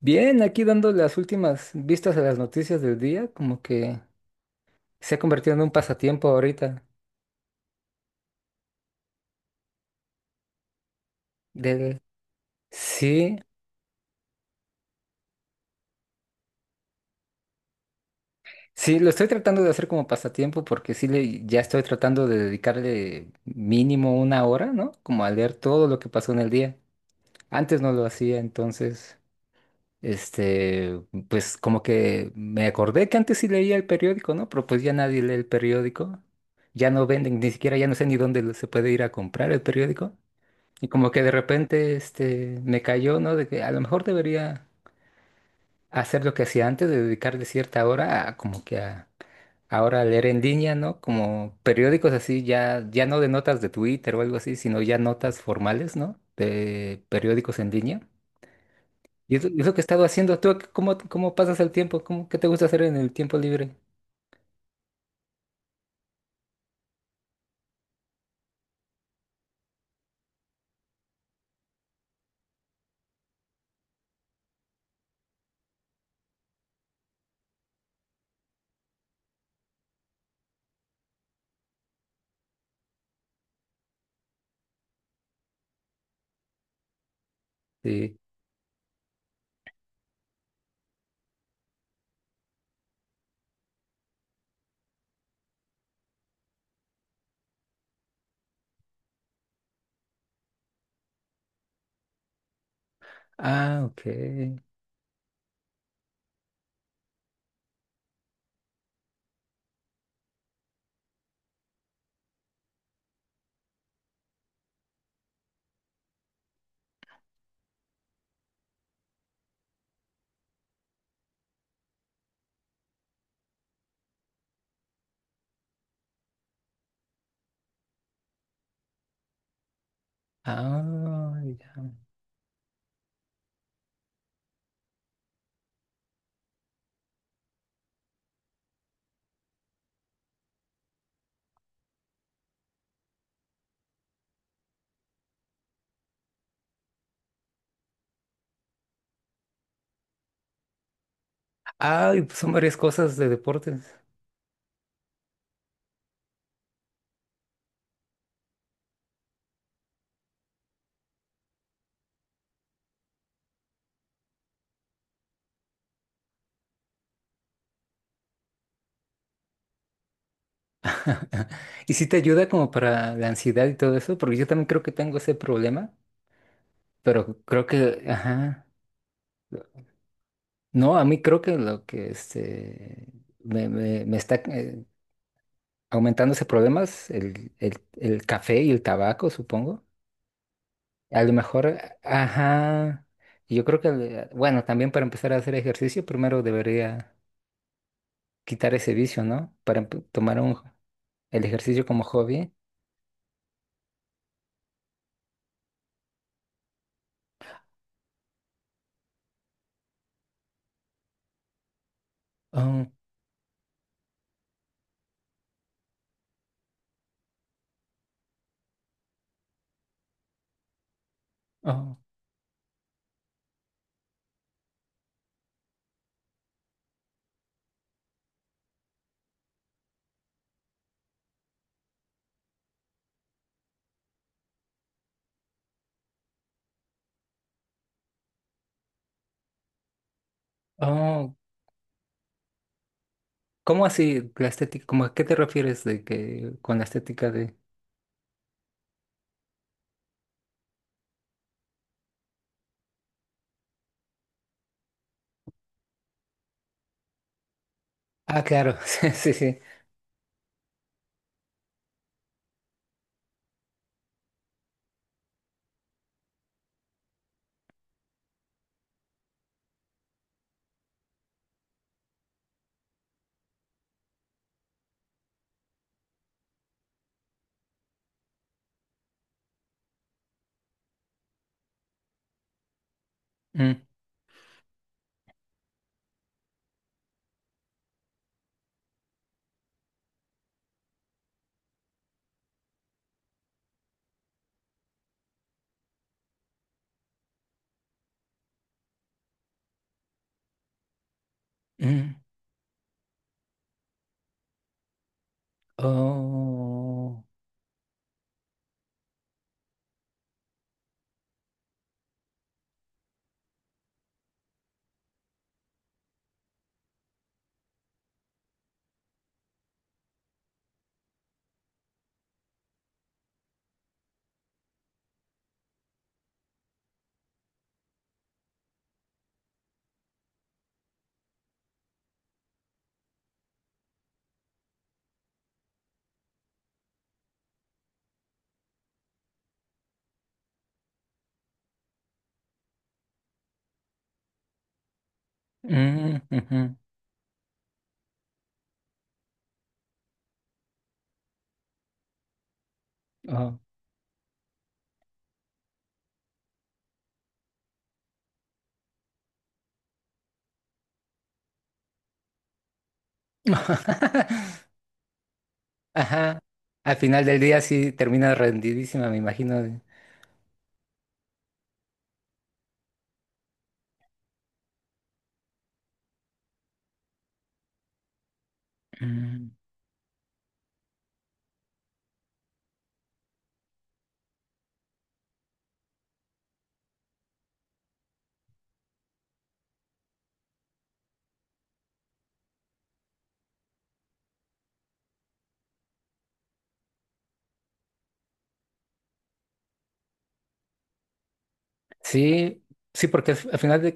Bien, aquí dando las últimas vistas a las noticias del día, como que se ha convertido en un pasatiempo ahorita. Del... Sí, sí, lo estoy tratando de hacer como pasatiempo porque ya estoy tratando de dedicarle mínimo una hora, ¿no? Como a leer todo lo que pasó en el día. Antes no lo hacía, entonces, este, pues como que me acordé que antes sí leía el periódico, ¿no? Pero pues ya nadie lee el periódico. Ya no venden, ni siquiera ya no sé ni dónde se puede ir a comprar el periódico. Y como que de repente me cayó, ¿no? De que a lo mejor debería hacer lo que hacía antes, de dedicarle cierta hora a como que a ahora a leer en línea, ¿no? Como periódicos así, ya, ya no de notas de Twitter o algo así, sino ya notas formales, ¿no? De periódicos en línea. Lo es lo que he estado haciendo. ¿Tú cómo pasas el tiempo? ¿Qué te gusta hacer en el tiempo libre? Sí. Ah, ok. Ah, ya. Ay, pues son varias cosas de deportes. Y si te ayuda como para la ansiedad y todo eso, porque yo también creo que tengo ese problema, pero creo que, ajá, no, a mí creo que lo que me está aumentando ese problema es el café y el tabaco, supongo. A lo mejor, ajá, y yo creo que, bueno, también para empezar a hacer ejercicio, primero debería quitar ese vicio, ¿no? Para tomar el ejercicio como hobby. Oh, oh, oh. ¿Cómo así la estética? ¿Cómo a qué te refieres de que con la estética de... Ah, claro, sí, sí, sí. Mm, mm, oh, mm, ujú, oh. Ajá. Al final del día sí termina rendidísima, me imagino. Mm, sí, sí, porque al final de,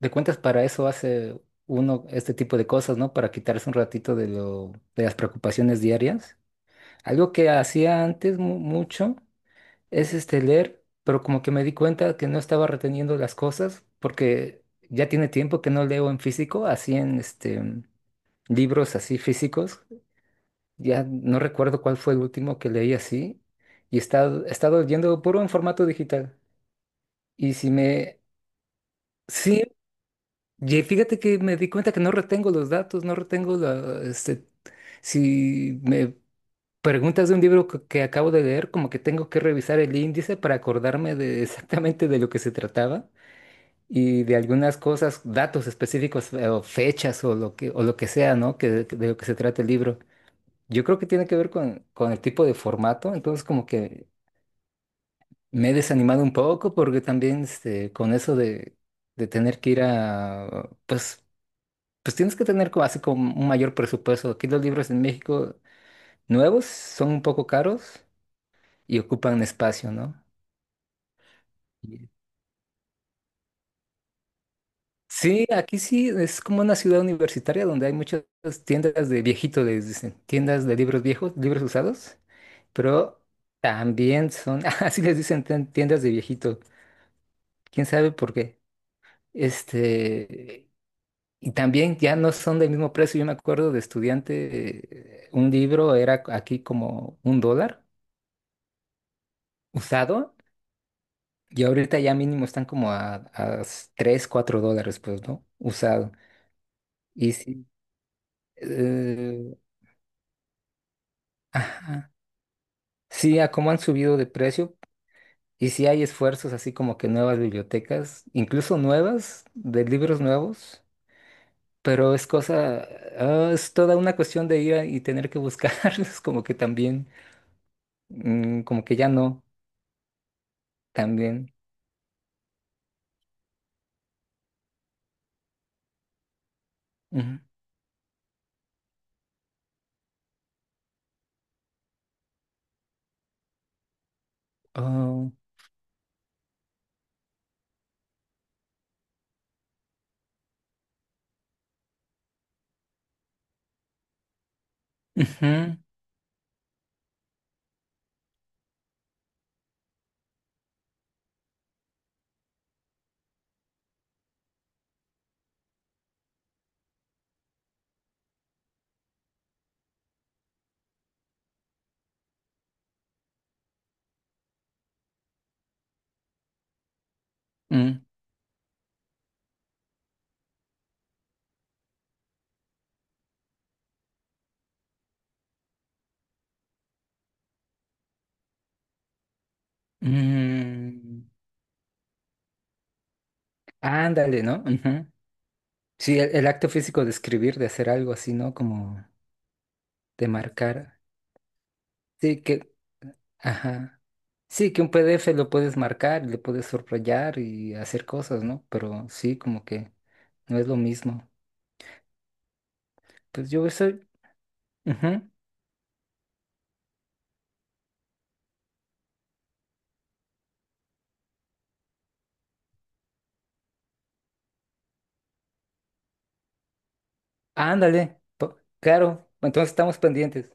de cuentas para eso hace uno este tipo de cosas, ¿no? Para quitarse un ratito de lo, de las preocupaciones diarias. Algo que hacía antes mucho. Es leer, pero como que me di cuenta que no estaba reteniendo las cosas porque ya tiene tiempo que no leo en físico, así en libros así físicos. Ya no recuerdo cuál fue el último que leí así y he estado leyendo puro en formato digital. Y si me Sí, y fíjate que me di cuenta que no retengo los datos, no retengo la este si me preguntas de un libro que acabo de leer, como que tengo que revisar el índice para acordarme de exactamente de lo que se trataba. Y de algunas cosas, datos específicos o fechas o lo que sea, ¿no? Que, de lo que se trata el libro. Yo creo que tiene que ver con el tipo de formato, entonces como que me he desanimado un poco porque también con eso de, tener que ir a, pues, pues tienes que tener como, así como un mayor presupuesto. Aquí los libros en México nuevos son un poco caros y ocupan espacio, ¿no? Sí, aquí sí es como una ciudad universitaria donde hay muchas tiendas de viejitos, les dicen, tiendas de libros viejos, libros usados, pero también son, así les dicen, tiendas de viejito, quién sabe por qué. Este, y también ya no son del mismo precio. Yo me acuerdo de estudiante, un libro era aquí como $1 usado, y ahorita ya mínimo están como a 3, $4, pues, ¿no? Usado. Y sí. eh, ajá. Sí, a cómo han subido de precio y sí hay esfuerzos así como que nuevas bibliotecas, incluso nuevas, de libros nuevos, pero es cosa, ah, es toda una cuestión de ir y tener que buscarlos, como que también, mm, como que ya no, también. Ujú. Oh, ujú, mm, mm. Ándale, ¿no? Ujú. Sí, el acto físico de escribir, de hacer algo así, ¿no? Como de marcar. Sí, que, ajá. Sí, que un PDF lo puedes marcar, y lo puedes subrayar y hacer cosas, ¿no? Pero sí, como que no es lo mismo. Pues yo soy... Ujú. Ándale, claro, entonces estamos pendientes.